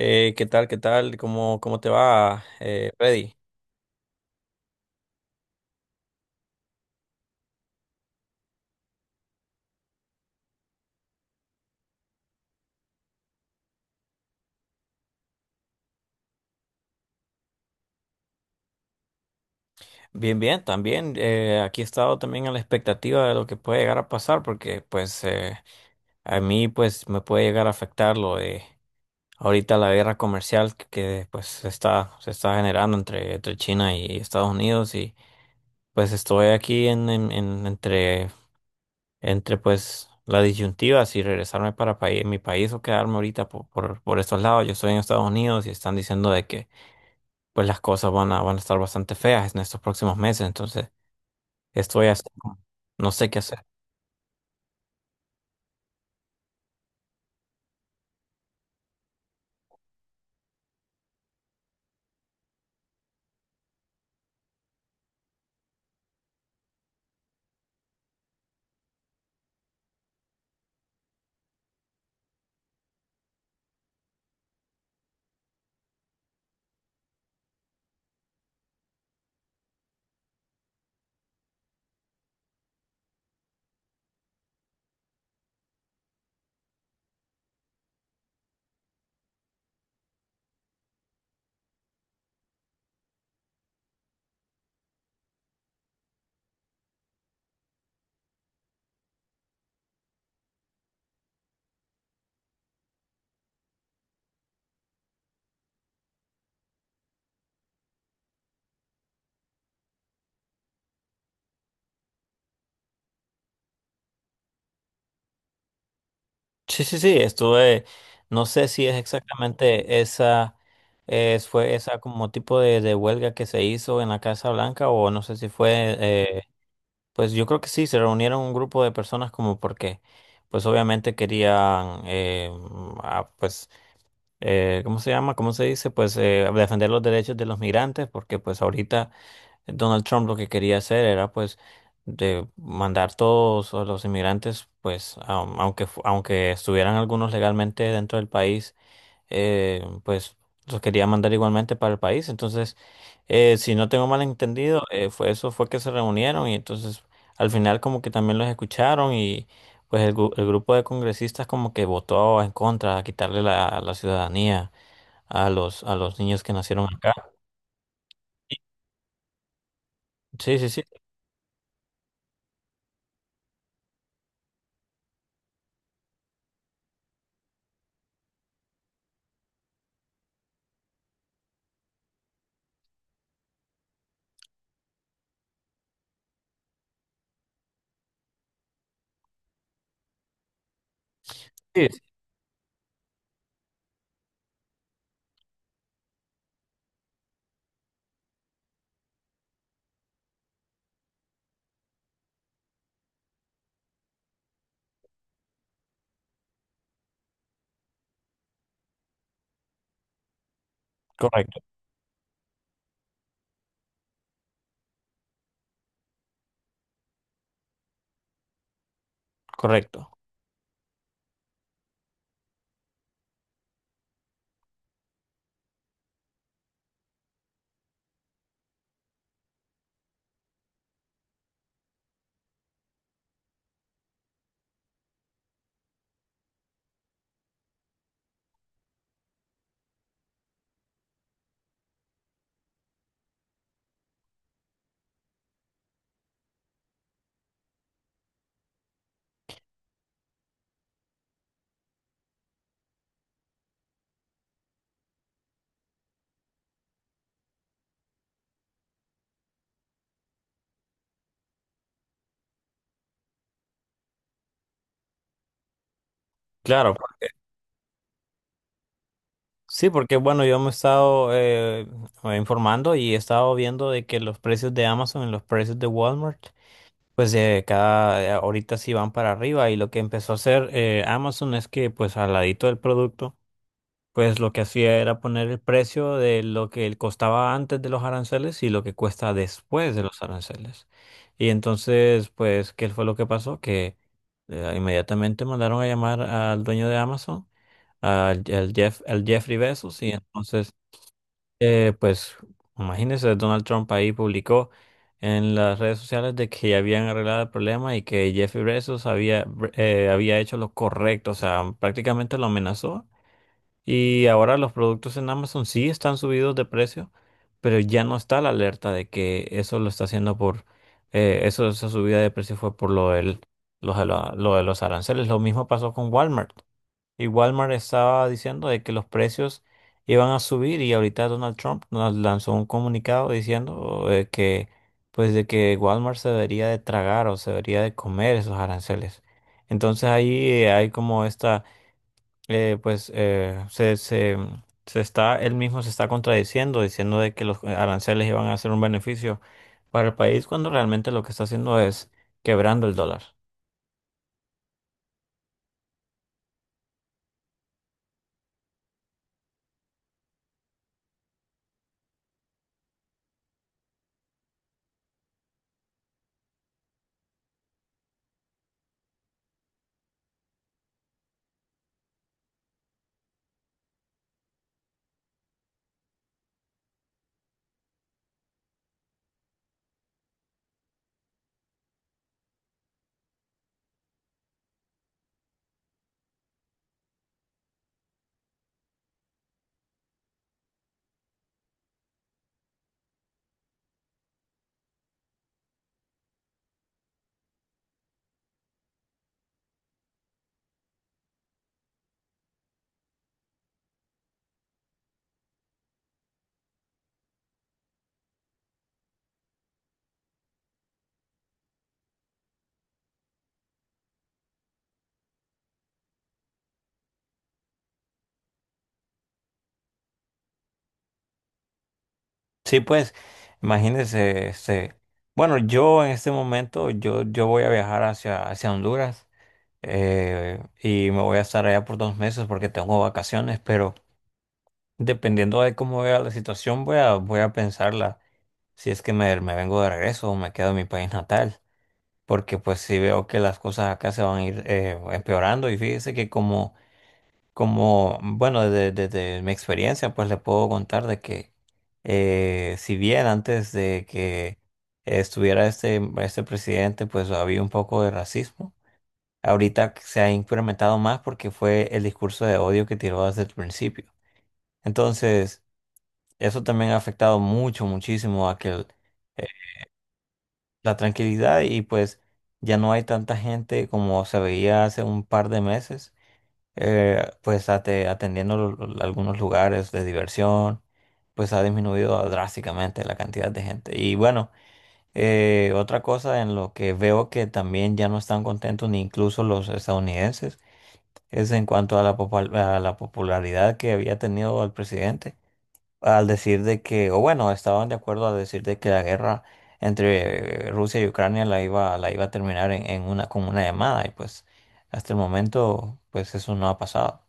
¿Qué tal? ¿Qué tal? ¿Cómo te va, Freddy? Bien, bien, también. Aquí he estado también a la expectativa de lo que puede llegar a pasar, porque pues a mí pues me puede llegar a afectar lo de ahorita la guerra comercial que pues se está generando entre China y Estados Unidos y pues estoy aquí entre pues la disyuntiva si regresarme para mi país o quedarme ahorita por estos lados. Yo estoy en Estados Unidos y están diciendo de que pues las cosas van a estar bastante feas en estos próximos meses. Entonces, estoy así, como, no sé qué hacer. Sí, sí, sí, estuve, no sé si es exactamente esa, fue esa como tipo de huelga que se hizo en la Casa Blanca o no sé si fue, pues yo creo que sí, se reunieron un grupo de personas como porque, pues obviamente querían, ah, pues, ¿cómo se llama? ¿Cómo se dice? Pues defender los derechos de los migrantes porque pues ahorita Donald Trump lo que quería hacer era pues de mandar todos a los inmigrantes, pues aunque estuvieran algunos legalmente dentro del país, pues los quería mandar igualmente para el país. Entonces, si no tengo mal entendido, fue que se reunieron y entonces al final como que también los escucharon y pues el grupo de congresistas como que votó en contra, a quitarle la ciudadanía a los niños que nacieron acá. Sí, sí, sí, sí, correcto, correcto. Claro, sí, porque bueno, yo me he estado informando y he estado viendo de que los precios de Amazon y los precios de Walmart, pues cada ahorita sí van para arriba y lo que empezó a hacer Amazon es que pues al ladito del producto pues lo que hacía era poner el precio de lo que él costaba antes de los aranceles y lo que cuesta después de los aranceles. Y entonces, pues, ¿qué fue lo que pasó? Que inmediatamente mandaron a llamar al dueño de Amazon, al Jeffrey Bezos, y entonces, eh, pues, imagínense, Donald Trump ahí publicó en las redes sociales de que ya habían arreglado el problema y que Jeffrey Bezos había hecho lo correcto, o sea, prácticamente lo amenazó y ahora los productos en Amazon sí están subidos de precio, pero ya no está la alerta de que eso lo está haciendo por, esa subida de precio fue por lo de lo de los aranceles. Lo mismo pasó con Walmart. Y Walmart estaba diciendo de que los precios iban a subir y ahorita Donald Trump nos lanzó un comunicado diciendo pues de que Walmart se debería de tragar o se debería de comer esos aranceles. Entonces ahí hay como esta pues se, se, se está, él mismo se está contradiciendo, diciendo de que los aranceles iban a ser un beneficio para el país cuando realmente lo que está haciendo es quebrando el dólar. Sí, pues, imagínense, este, bueno, yo en este momento, yo voy a viajar hacia Honduras y me voy a estar allá por dos meses porque tengo vacaciones, pero dependiendo de cómo vea la situación, voy a pensarla si es que me vengo de regreso o me quedo en mi país natal. Porque pues sí veo que las cosas acá se van a ir empeorando y fíjese que como, como bueno, desde mi experiencia pues le puedo contar de que si bien antes de que estuviera este presidente pues había un poco de racismo, ahorita se ha incrementado más porque fue el discurso de odio que tiró desde el principio. Entonces, eso también ha afectado mucho, muchísimo a la tranquilidad y pues ya no hay tanta gente como se veía hace un par de meses, atendiendo algunos lugares de diversión, pues ha disminuido drásticamente la cantidad de gente. Y bueno, otra cosa en lo que veo que también ya no están contentos ni incluso los estadounidenses es en cuanto a a la popularidad que había tenido el presidente al decir de que, o bueno, estaban de acuerdo al decir de que la guerra entre Rusia y Ucrania la iba a terminar en con una llamada y pues hasta el momento pues eso no ha pasado.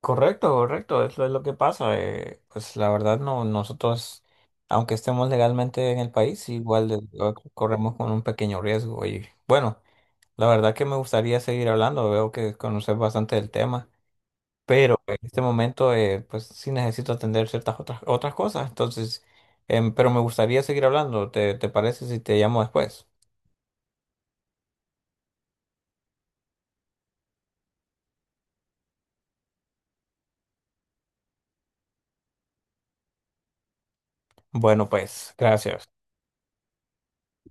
Correcto, correcto, es es lo que pasa. Pues la verdad no, nosotros, aunque estemos legalmente en el país, igual corremos con un pequeño riesgo. Y bueno, la verdad que me gustaría seguir hablando, veo que conoces bastante del tema. Pero en este momento pues sí necesito atender ciertas otras cosas, entonces, pero me gustaría seguir hablando, te parece si te llamo después? Bueno, pues, gracias.